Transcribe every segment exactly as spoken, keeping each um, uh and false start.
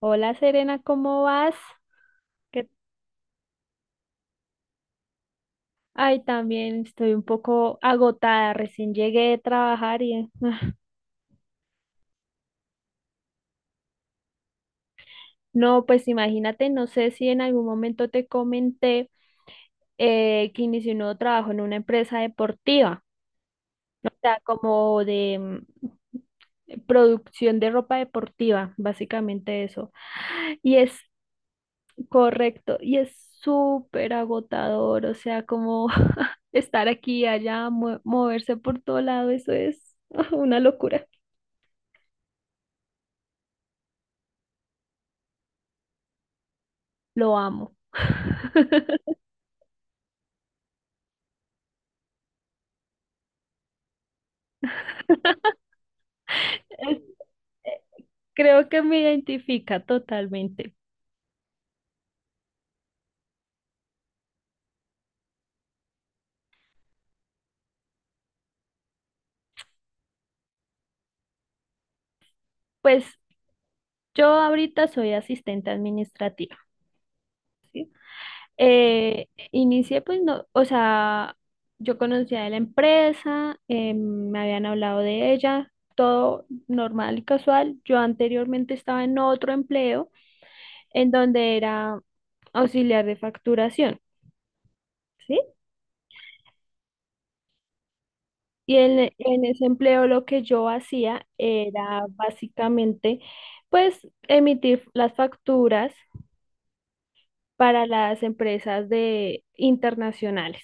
Hola Serena, ¿cómo vas? ¿Qué- Ay, también estoy un poco agotada, recién llegué de trabajar y ah, no, pues imagínate, no sé si en algún momento te comenté eh, que inicié un nuevo trabajo en una empresa deportiva, o sea, como de mm, producción de ropa deportiva, básicamente eso. Y es Correcto, y es súper agotador, o sea, como estar aquí, y allá, mue- moverse por todo lado, eso es una locura. Lo amo. Es- Creo que me identifica totalmente. Pues yo ahorita soy asistente administrativa. Eh, inicié pues no, o sea, yo conocía de la empresa, eh, me habían hablado de ella, todo normal y casual. Yo anteriormente estaba en otro empleo en donde era auxiliar de facturación, ¿sí? Y en, en ese empleo lo que yo hacía era básicamente, pues, emitir las facturas para las empresas de internacionales.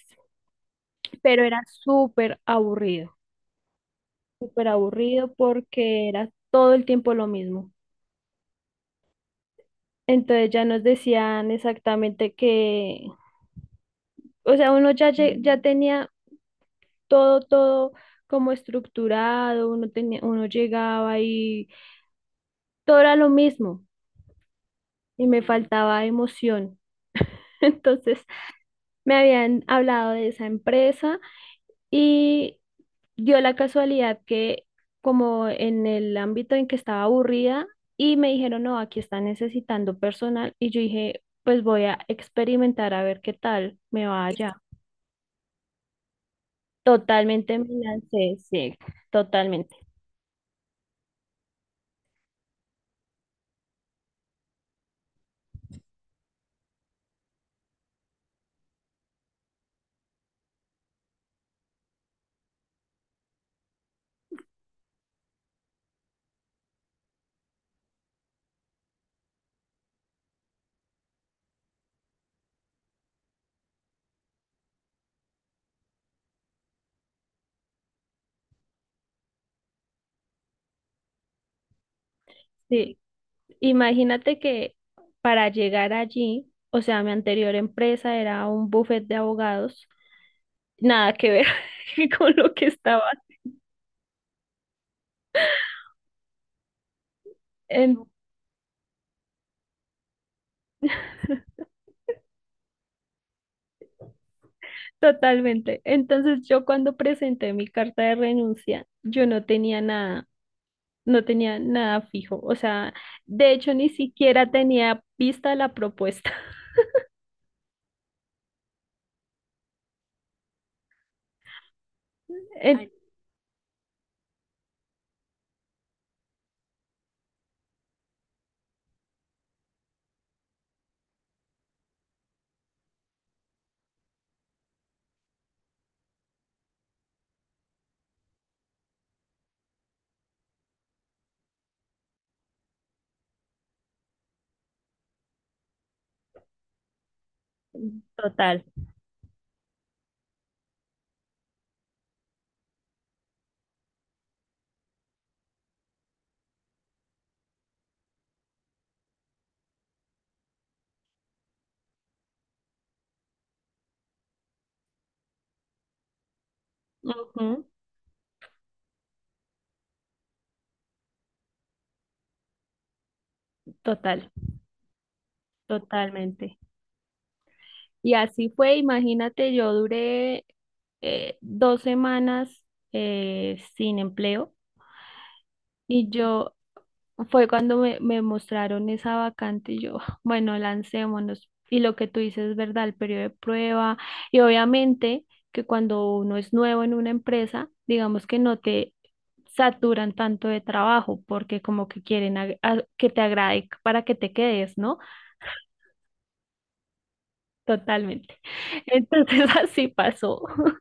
Pero era súper aburrido, súper aburrido porque era todo el tiempo lo mismo. Entonces ya nos decían exactamente que, o sea, uno ya, lle- ya tenía todo, todo como estructurado, uno tenía, uno llegaba y todo era lo mismo y me faltaba emoción. Entonces me habían hablado de esa empresa y dio la casualidad que como en el ámbito en que estaba aburrida y me dijeron, no, aquí está necesitando personal y yo dije, pues voy a experimentar a ver qué tal me va allá. Totalmente me lancé, sí, totalmente. Sí, imagínate que para llegar allí, o sea, mi anterior empresa era un buffet de abogados, nada que ver con lo que estaba. Totalmente. Entonces yo cuando presenté mi carta de renuncia, yo no tenía nada, no tenía nada fijo. O sea, de hecho ni siquiera tenía vista la propuesta. En Total. Ujú, total, totalmente. Y así fue, imagínate, yo duré eh, dos semanas eh, sin empleo y yo Fue cuando me, me mostraron esa vacante y yo, bueno, lancémonos. Y lo que tú dices es verdad, el periodo de prueba. Y obviamente que cuando uno es nuevo en una empresa, digamos que no te saturan tanto de trabajo porque como que quieren ag- a- que te agrade para que te quedes, ¿no? Totalmente. Entonces así pasó,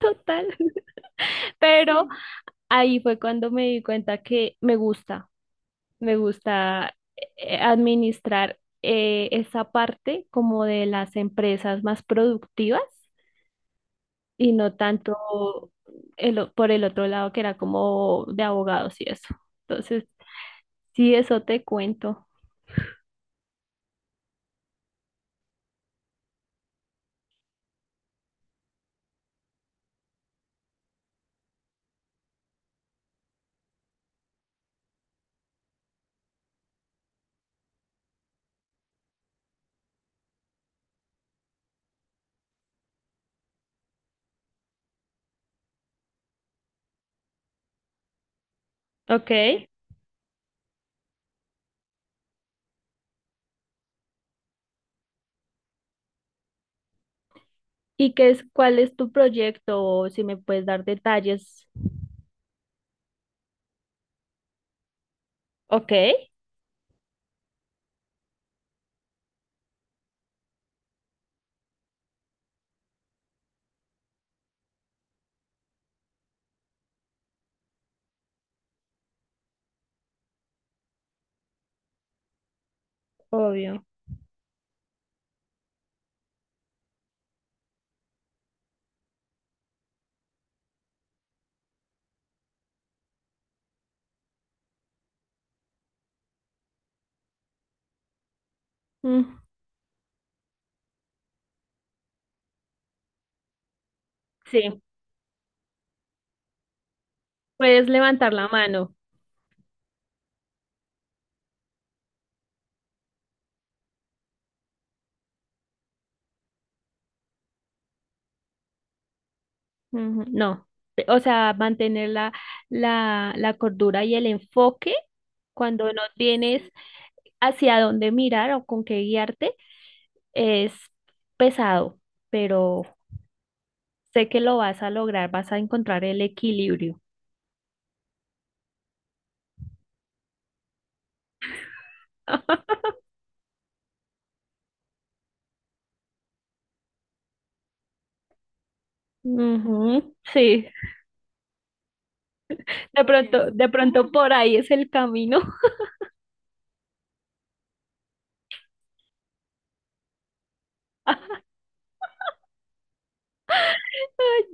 total. Pero ahí fue cuando me di cuenta que me gusta. Me gusta eh, administrar eh, esa parte como de las empresas más productivas y no tanto el o- por el otro lado que era como de abogados y eso. Entonces, sí, eso te cuento. Ok. ¿Y qué es, cuál es tu proyecto? O si me puedes dar detalles. Ok. Obvio. Mm, sí, puedes levantar la mano. Ujú, no, te- o sea, mantener la, la, la cordura y el enfoque cuando no tienes hacia dónde mirar o con qué guiarte es pesado, pero sé que lo vas a lograr, vas a encontrar el equilibrio. Ujú, sí, de pronto, de pronto por ahí es el camino.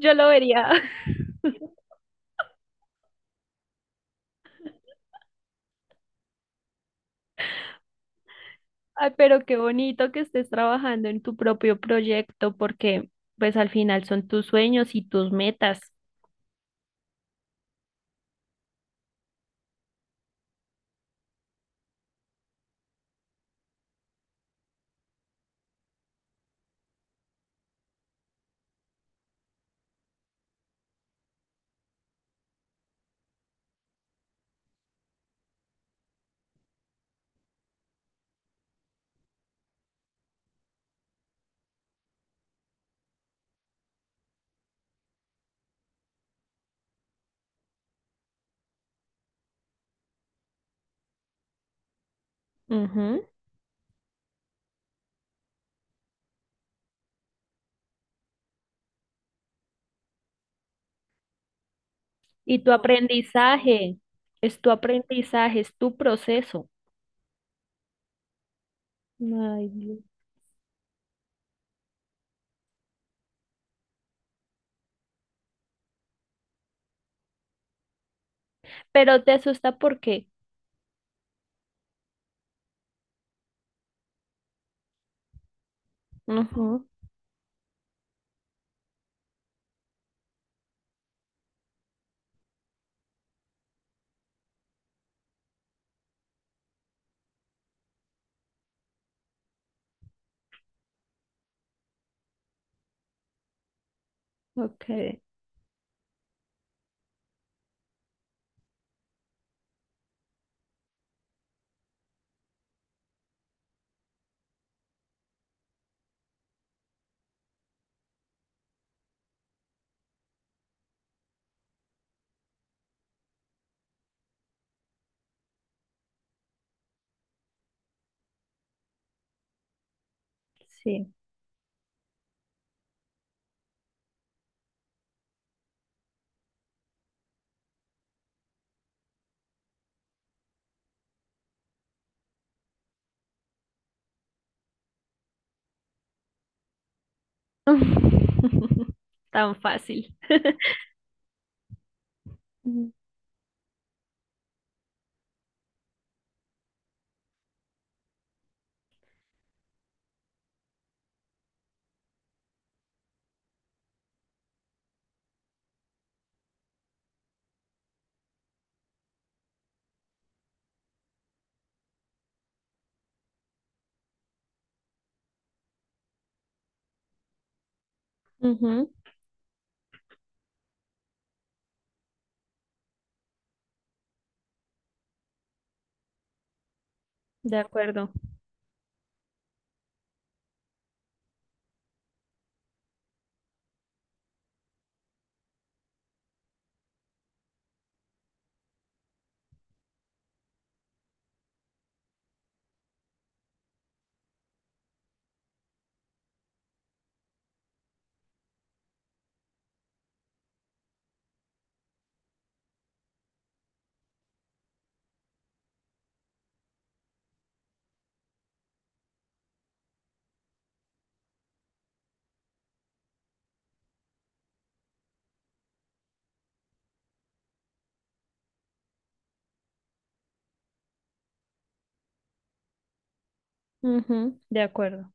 Yo lo vería. Ay, pero qué bonito que estés trabajando en tu propio proyecto porque pues al final son tus sueños y tus metas. Ujú. Y tu aprendizaje, es tu aprendizaje, es tu proceso. Ay, Dios. Pero te asusta porque, ujú, ok, sí. Tan fácil. Mm, ujú, de acuerdo. Ujú, de acuerdo.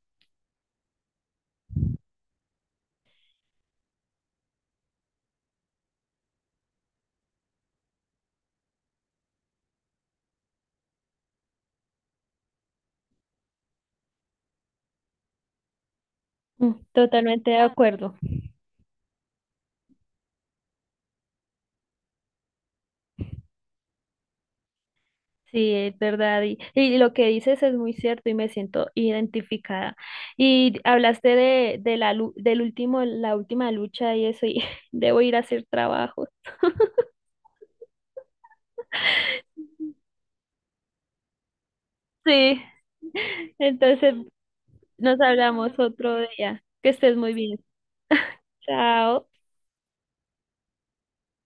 Mm. Totalmente de acuerdo. Sí, es verdad. Y, y lo que dices es muy cierto y me siento identificada. Y hablaste de, de la, lu- del último, la última lucha y eso, y debo ir a hacer trabajo. Sí. Entonces nos hablamos otro día. Que estés muy bien. Chao.